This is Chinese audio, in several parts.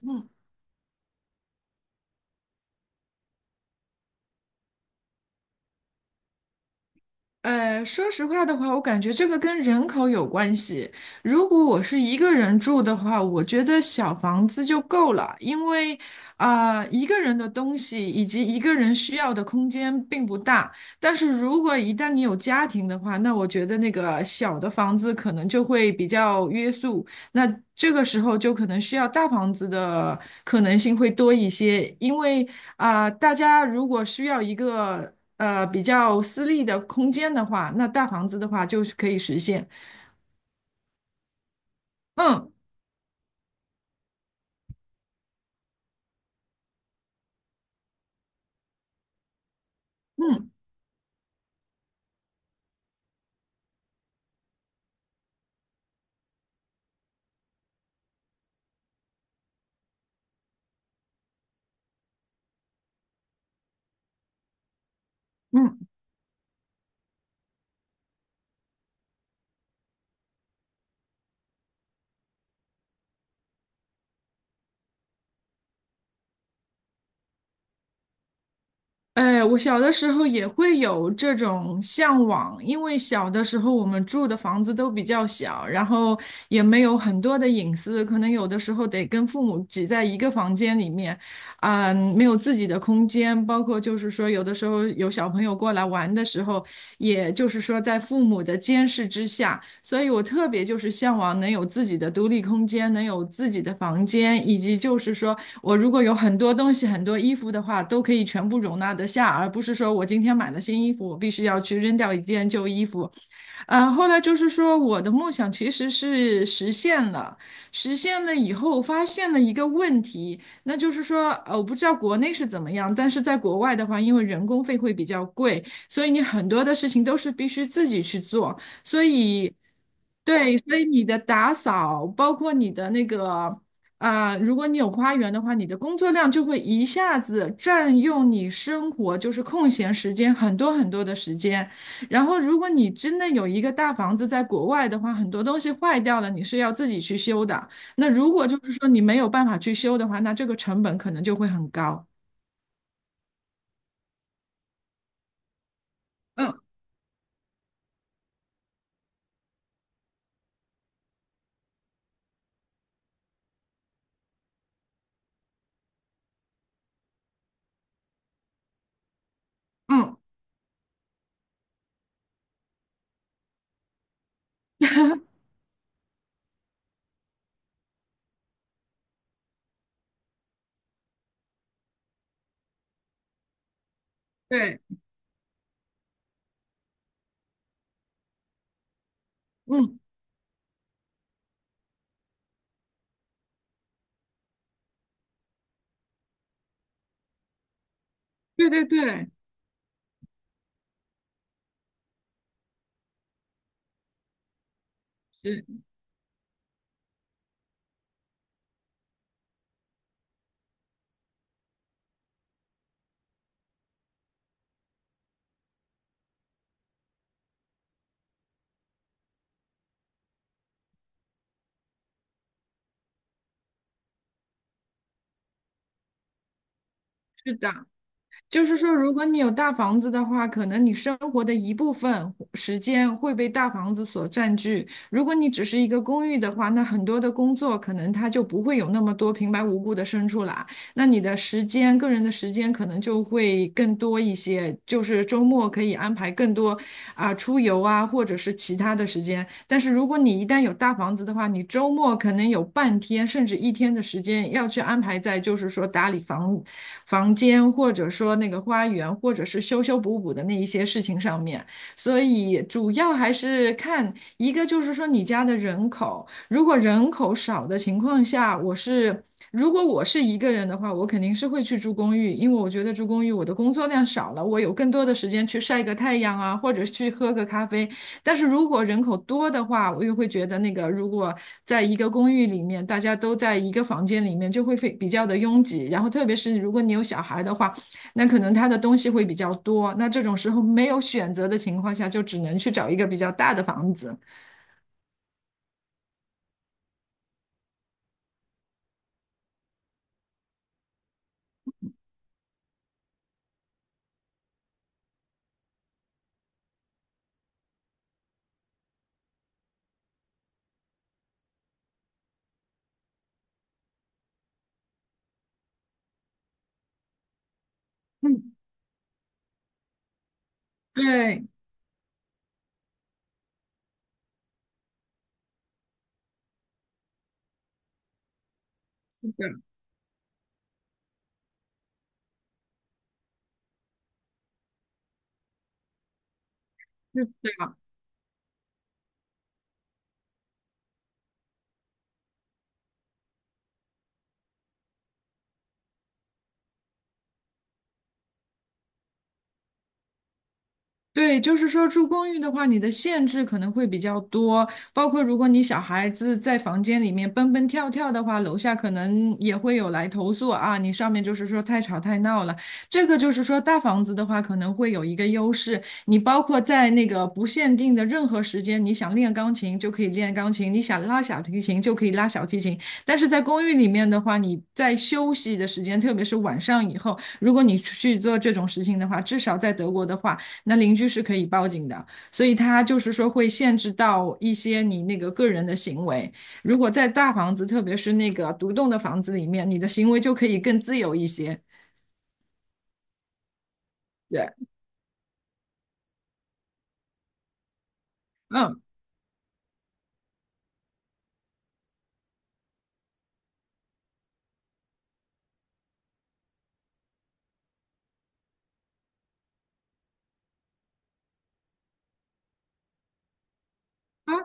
嗯，说实话的话，我感觉这个跟人口有关系。如果我是一个人住的话，我觉得小房子就够了，因为一个人的东西以及一个人需要的空间并不大。但是如果一旦你有家庭的话，那我觉得那个小的房子可能就会比较约束。那这个时候就可能需要大房子的可能性会多一些，因为大家如果需要一个比较私密的空间的话，那大房子的话就是可以实现。嗯嗯嗯。哎，我小的时候也会有这种向往，因为小的时候我们住的房子都比较小，然后也没有很多的隐私，可能有的时候得跟父母挤在一个房间里面，嗯，没有自己的空间，包括就是说有的时候有小朋友过来玩的时候，也就是说在父母的监视之下。所以我特别就是向往能有自己的独立空间，能有自己的房间，以及就是说我如果有很多东西、很多衣服的话，都可以全部容纳得下，而不是说我今天买了新衣服，我必须要去扔掉一件旧衣服，啊，后来就是说，我的梦想其实是实现了，实现了以后，发现了一个问题，那就是说，我不知道国内是怎么样，但是在国外的话，因为人工费会比较贵，所以你很多的事情都是必须自己去做，所以，对，所以你的打扫，包括你的那个。如果你有花园的话，你的工作量就会一下子占用你生活，就是空闲时间很多很多的时间。然后，如果你真的有一个大房子在国外的话，很多东西坏掉了，你是要自己去修的。那如果就是说你没有办法去修的话，那这个成本可能就会很高。嗯嗯，对，嗯，对对对，是是的，就是说，如果你有大房子的话，可能你生活的一部分时间会被大房子所占据。如果你只是一个公寓的话，那很多的工作可能它就不会有那么多平白无故的生出来。那你的时间，个人的时间可能就会更多一些，就是周末可以安排更多出游啊，或者是其他的时间。但是如果你一旦有大房子的话，你周末可能有半天甚至一天的时间要去安排在，就是说打理房间，或者说那个花园，或者是修修补补的那一些事情上面。所以主要还是看一个，就是说你家的人口。如果人口少的情况下，如果我是一个人的话，我肯定是会去住公寓，因为我觉得住公寓我的工作量少了，我有更多的时间去晒个太阳啊，或者去喝个咖啡。但是如果人口多的话，我又会觉得那个如果在一个公寓里面，大家都在一个房间里面，就会非比较的拥挤。然后特别是如果你有小孩的话，那可能他的东西会比较多。那这种时候没有选择的情况下，就只能去找一个比较大的房子。嗯，对。是的是的，对，就是说住公寓的话，你的限制可能会比较多，包括如果你小孩子在房间里面蹦蹦跳跳的话，楼下可能也会有来投诉啊，你上面就是说太吵太闹了。这个就是说大房子的话，可能会有一个优势，你包括在那个不限定的任何时间，你想练钢琴就可以练钢琴，你想拉小提琴就可以拉小提琴。但是在公寓里面的话，你在休息的时间，特别是晚上以后，如果你去做这种事情的话，至少在德国的话。那邻居是可以报警的，所以它就是说会限制到一些你那个个人的行为。如果在大房子，特别是那个独栋的房子里面，你的行为就可以更自由一些。对，嗯，啊，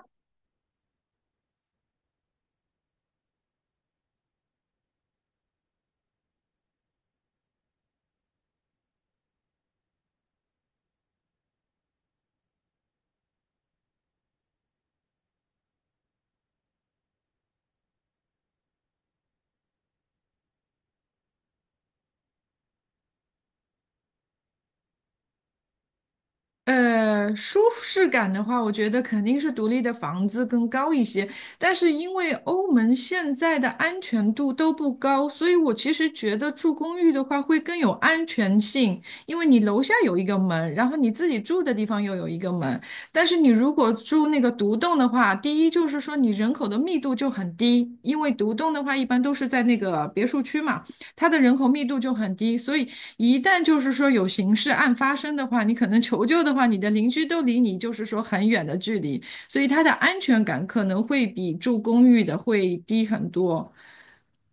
舒适感的话，我觉得肯定是独立的房子更高一些。但是因为欧盟现在的安全度都不高，所以我其实觉得住公寓的话会更有安全性，因为你楼下有一个门，然后你自己住的地方又有一个门。但是你如果住那个独栋的话，第一就是说你人口的密度就很低，因为独栋的话一般都是在那个别墅区嘛。它的人口密度就很低，所以一旦就是说有刑事案发生的话，你可能求救的话，你的邻居都离你就是说很远的距离，所以它的安全感可能会比住公寓的会低很多。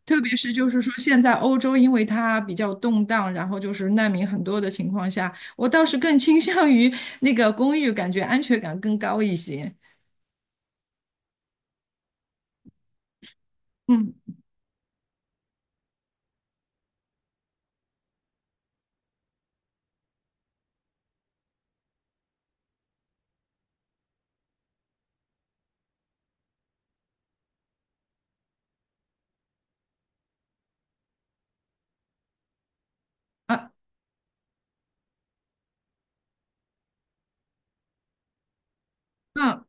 特别是就是说现在欧洲因为它比较动荡，然后就是难民很多的情况下，我倒是更倾向于那个公寓，感觉安全感更高一些。嗯啊嗯。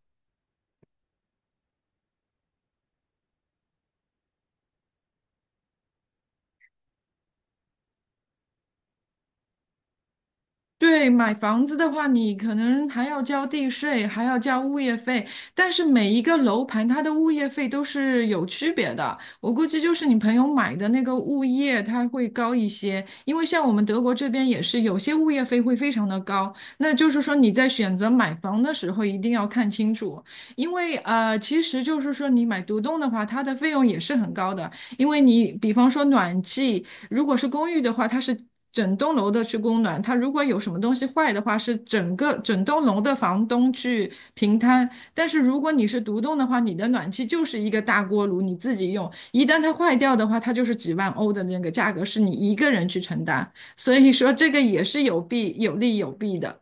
对，买房子的话，你可能还要交地税，还要交物业费，但是每一个楼盘它的物业费都是有区别的。我估计就是你朋友买的那个物业，它会高一些，因为像我们德国这边也是有些物业费会非常的高。那就是说你在选择买房的时候一定要看清楚，因为其实就是说你买独栋的话，它的费用也是很高的，因为你比方说暖气。如果是公寓的话，它是整栋楼的去供暖；它如果有什么东西坏的话，是整个整栋楼的房东去平摊。但是如果你是独栋的话，你的暖气就是一个大锅炉，你自己用。一旦它坏掉的话，它就是几万欧的那个价格，是你一个人去承担。所以说这个也是有弊的。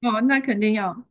哦，那肯定要。